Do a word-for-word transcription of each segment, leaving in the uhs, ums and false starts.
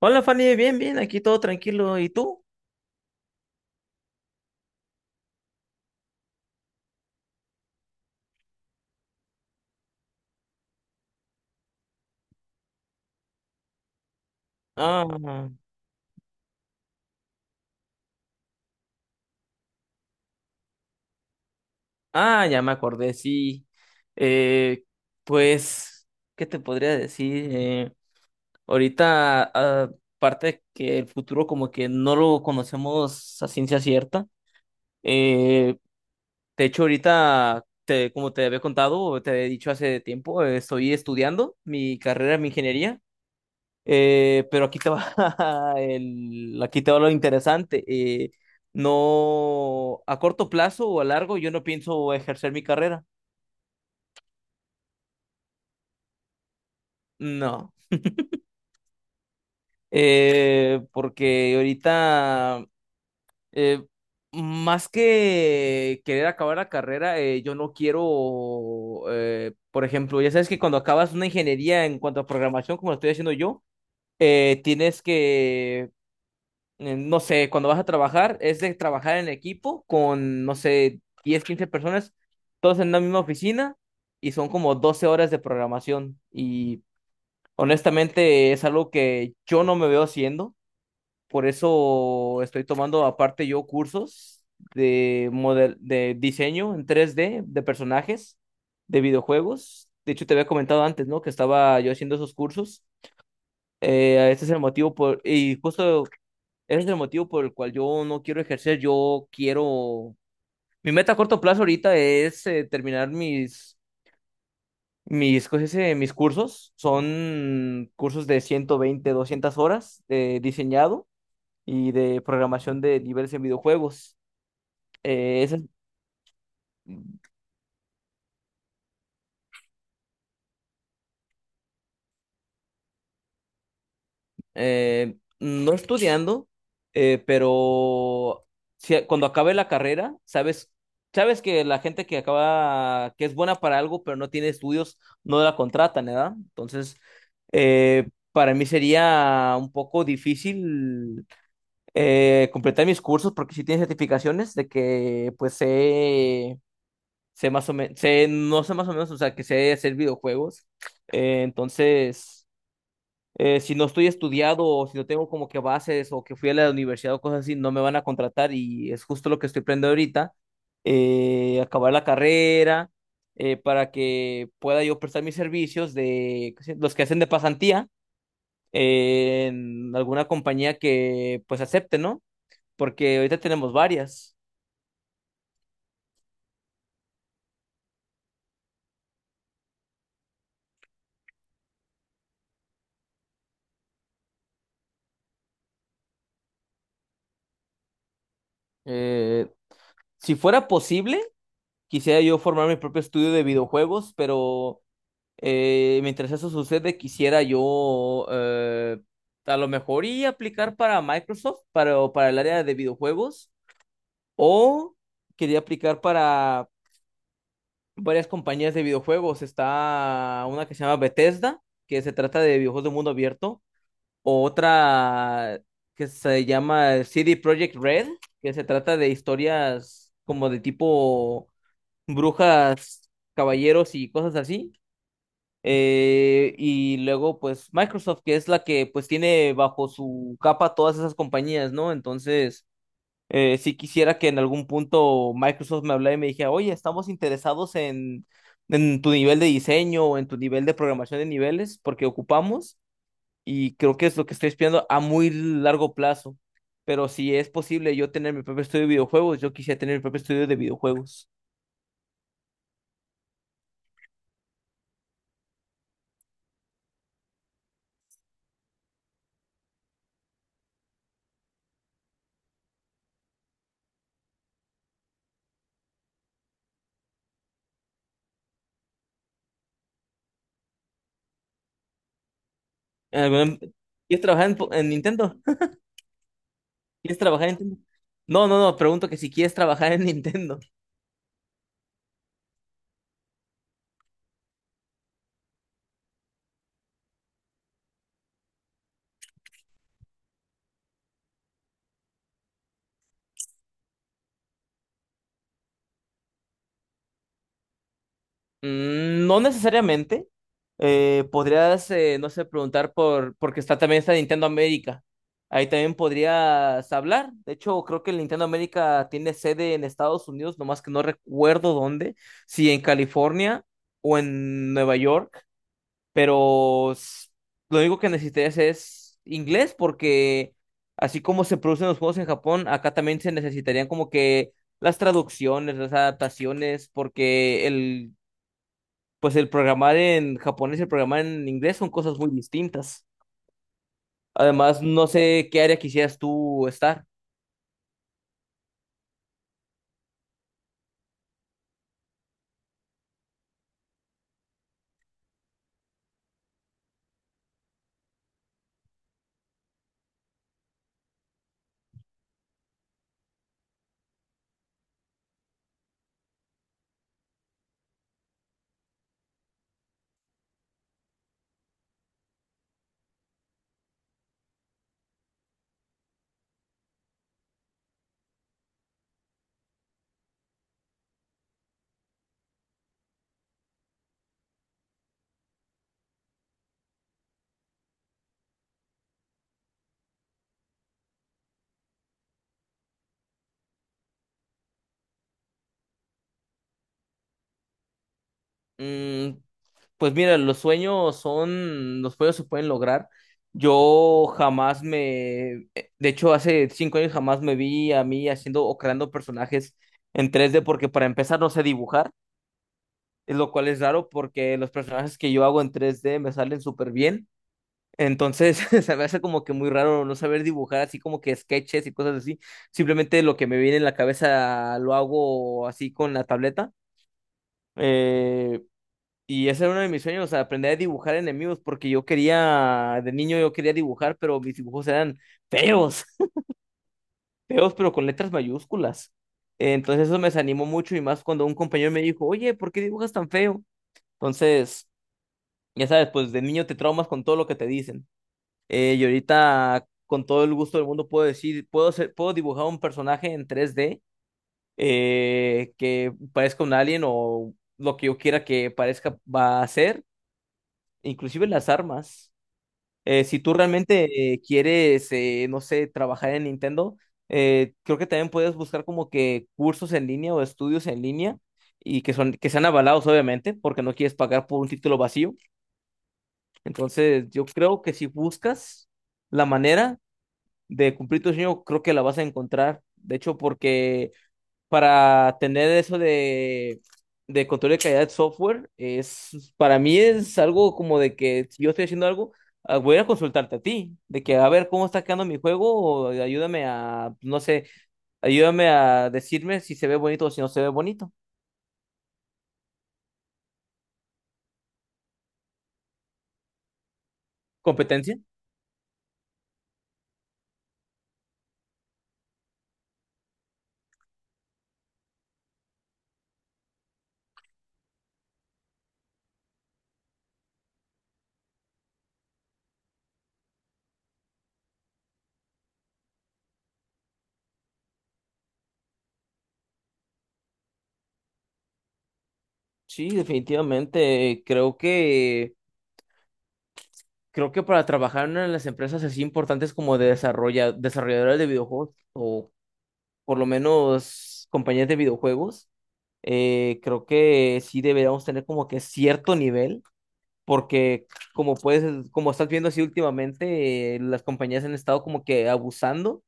Hola Fanny, bien, bien, aquí todo tranquilo. ¿Y tú? Ah, ah, ya me acordé, sí. Eh, pues, ¿qué te podría decir? Eh, ahorita, ah, aparte que el futuro como que no lo conocemos a ciencia cierta. Eh, de hecho, ahorita, te, como te había contado, o te había dicho hace tiempo, eh, estoy estudiando mi carrera en ingeniería. Eh, pero aquí te va el, aquí te va lo interesante. Eh, no, a corto plazo o a largo, yo no pienso ejercer mi carrera. No. Eh, porque ahorita, eh, más que querer acabar la carrera, eh, yo no quiero, eh, por ejemplo, ya sabes que cuando acabas una ingeniería en cuanto a programación, como lo estoy haciendo yo, eh, tienes que eh, no sé, cuando vas a trabajar, es de trabajar en equipo con, no sé, diez quince personas, todos en la misma oficina y son como doce horas de programación. Y honestamente es algo que yo no me veo haciendo, por eso estoy tomando aparte yo cursos de, model de diseño en tres d de personajes de videojuegos. De hecho, te había comentado antes, ¿no? Que estaba yo haciendo esos cursos. Eh, este es el motivo por... Y justo ese es el motivo por el cual yo no quiero ejercer, yo quiero... Mi meta a corto plazo ahorita es eh, terminar mis, mis, ¿cómo se dice? Mis cursos. Son cursos de ciento veinte doscientas horas de diseñado y de programación de niveles en videojuegos. Eh, ese eh, No estudiando, eh, pero si- cuando acabe la carrera, sabes, sabes que la gente que acaba, que es buena para algo, pero no tiene estudios, no la contratan, ¿verdad? Entonces, eh, para mí sería un poco difícil eh, completar mis cursos porque si tiene certificaciones de que pues sé, sé más o menos, sé, no sé más o menos, o sea, que sé hacer videojuegos. Eh, entonces eh, si no estoy estudiado o si no tengo como que bases o que fui a la universidad o cosas así, no me van a contratar y es justo lo que estoy aprendiendo ahorita, eh, acabar la carrera eh, para que pueda yo prestar mis servicios de los que hacen de pasantía eh, en alguna compañía que pues acepte, ¿no? Porque ahorita tenemos varias. Eh, si fuera posible, quisiera yo formar mi propio estudio de videojuegos, pero... Eh, mientras eso sucede, quisiera yo eh, a lo mejor y aplicar para Microsoft, para, para el área de videojuegos, o quería aplicar para varias compañías de videojuegos. Está una que se llama Bethesda, que se trata de videojuegos de mundo abierto, o otra que se llama C D Projekt Red, que se trata de historias como de tipo brujas, caballeros y cosas así. Eh, y luego, pues, Microsoft, que es la que, pues, tiene bajo su capa todas esas compañías, ¿no? Entonces, eh, sí quisiera que en algún punto Microsoft me hablara y me dijera, oye, estamos interesados en, en tu nivel de diseño o en tu nivel de programación de niveles, porque ocupamos, y creo que es lo que estoy espiando a muy largo plazo. Pero si es posible yo tener mi propio estudio de videojuegos, yo quisiera tener mi propio estudio de videojuegos. Eh, bueno, ¿quieres trabajar en, en Nintendo? ¿Quieres trabajar en Nintendo? No, no, no, pregunto que si quieres trabajar en Nintendo. Mm, no necesariamente. Eh, podrías, eh, no sé, preguntar por, porque está también está Nintendo América. Ahí también podrías hablar. De hecho, creo que el Nintendo América tiene sede en Estados Unidos, nomás que no recuerdo dónde, si en California o en Nueva York. pero s- lo único que necesitas es inglés porque así como se producen los juegos en Japón, acá también se necesitarían como que las traducciones, las adaptaciones, porque el, pues el programar en japonés y el programar en inglés son cosas muy distintas. Además, no sé qué área quisieras tú estar. Mm, pues mira, los sueños son, los sueños se pueden lograr. Yo jamás me, eh, De hecho, hace cinco años jamás me vi a mí haciendo o creando personajes en tres d porque para empezar no sé dibujar, es lo cual es raro porque los personajes que yo hago en tres d me salen súper bien. Entonces, se me hace como que muy raro no saber dibujar así como que sketches y cosas así. Simplemente lo que me viene en la cabeza lo hago así con la tableta. Eh, y ese era uno de mis sueños, o sea, aprender a dibujar enemigos, porque yo quería, de niño yo quería dibujar, pero mis dibujos eran feos, feos, pero con letras mayúsculas. Entonces eso me desanimó mucho y más cuando un compañero me dijo, oye, ¿por qué dibujas tan feo? Entonces, ya sabes, pues de niño te traumas con todo lo que te dicen. Eh, y ahorita con todo el gusto del mundo puedo decir, puedo ser, puedo dibujar un personaje en tres D eh, que parezca un alien o lo que yo quiera que parezca va a ser, inclusive las armas. Eh, si tú realmente eh, quieres, eh, no sé, trabajar en Nintendo, eh, creo que también puedes buscar como que cursos en línea o estudios en línea y que son, que sean avalados, obviamente, porque no quieres pagar por un título vacío. Entonces, yo creo que si buscas la manera de cumplir tu sueño, creo que la vas a encontrar. De hecho, porque para tener eso de, de control de calidad de software, es, para mí es algo como de que si yo estoy haciendo algo, ah, voy a consultarte a ti, de que a ver cómo está quedando mi juego, o ayúdame a, no sé, ayúdame a decirme si se ve bonito o si no se ve bonito. ¿Competencia? Sí, definitivamente, creo que... Creo que para trabajar en una de las empresas así importantes como de desarrolla, desarrolladores de videojuegos, o por lo menos compañías de videojuegos, eh, creo que sí deberíamos tener como que cierto nivel, porque como puedes, como estás viendo así últimamente, eh, las compañías han estado como que abusando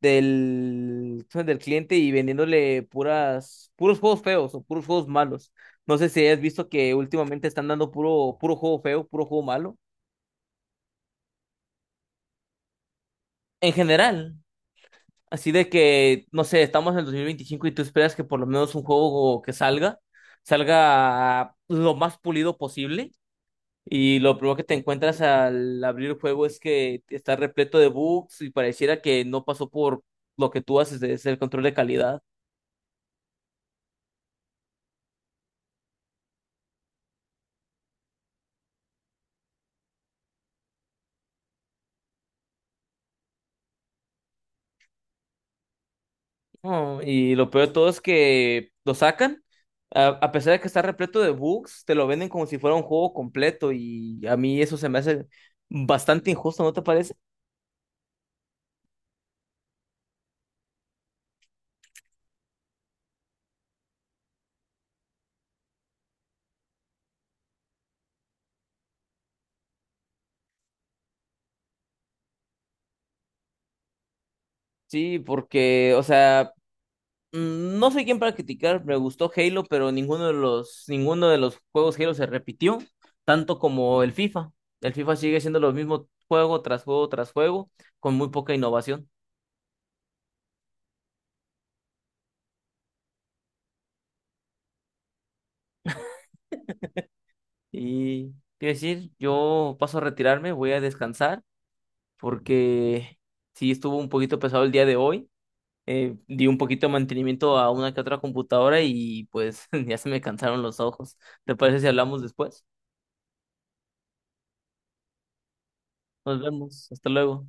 del, del cliente y vendiéndole puras, puros juegos feos o puros juegos malos. No sé si has visto que últimamente están dando puro, puro juego feo, puro juego malo. En general. Así de que, no sé, estamos en el dos mil veinticinco y tú esperas que por lo menos un juego que salga, salga lo más pulido posible. Y lo primero que te encuentras al abrir el juego es que está repleto de bugs y pareciera que no pasó por lo que tú haces de ser el control de calidad. No, y lo peor de todo es que lo sacan, a, a pesar de que está repleto de bugs, te lo venden como si fuera un juego completo y a mí eso se me hace bastante injusto, ¿no te parece? Sí, porque, o sea, Mm, no sé quién para criticar, me gustó Halo, pero ninguno de los, ninguno de los juegos Halo se repitió, tanto como el FIFA. El FIFA sigue siendo lo mismo juego tras juego tras juego, con muy poca innovación. Y quiero decir, yo paso a retirarme, voy a descansar, porque sí estuvo un poquito pesado el día de hoy. Eh, di un poquito de mantenimiento a una que otra computadora y pues ya se me cansaron los ojos. ¿Te parece si hablamos después? Nos vemos, hasta luego.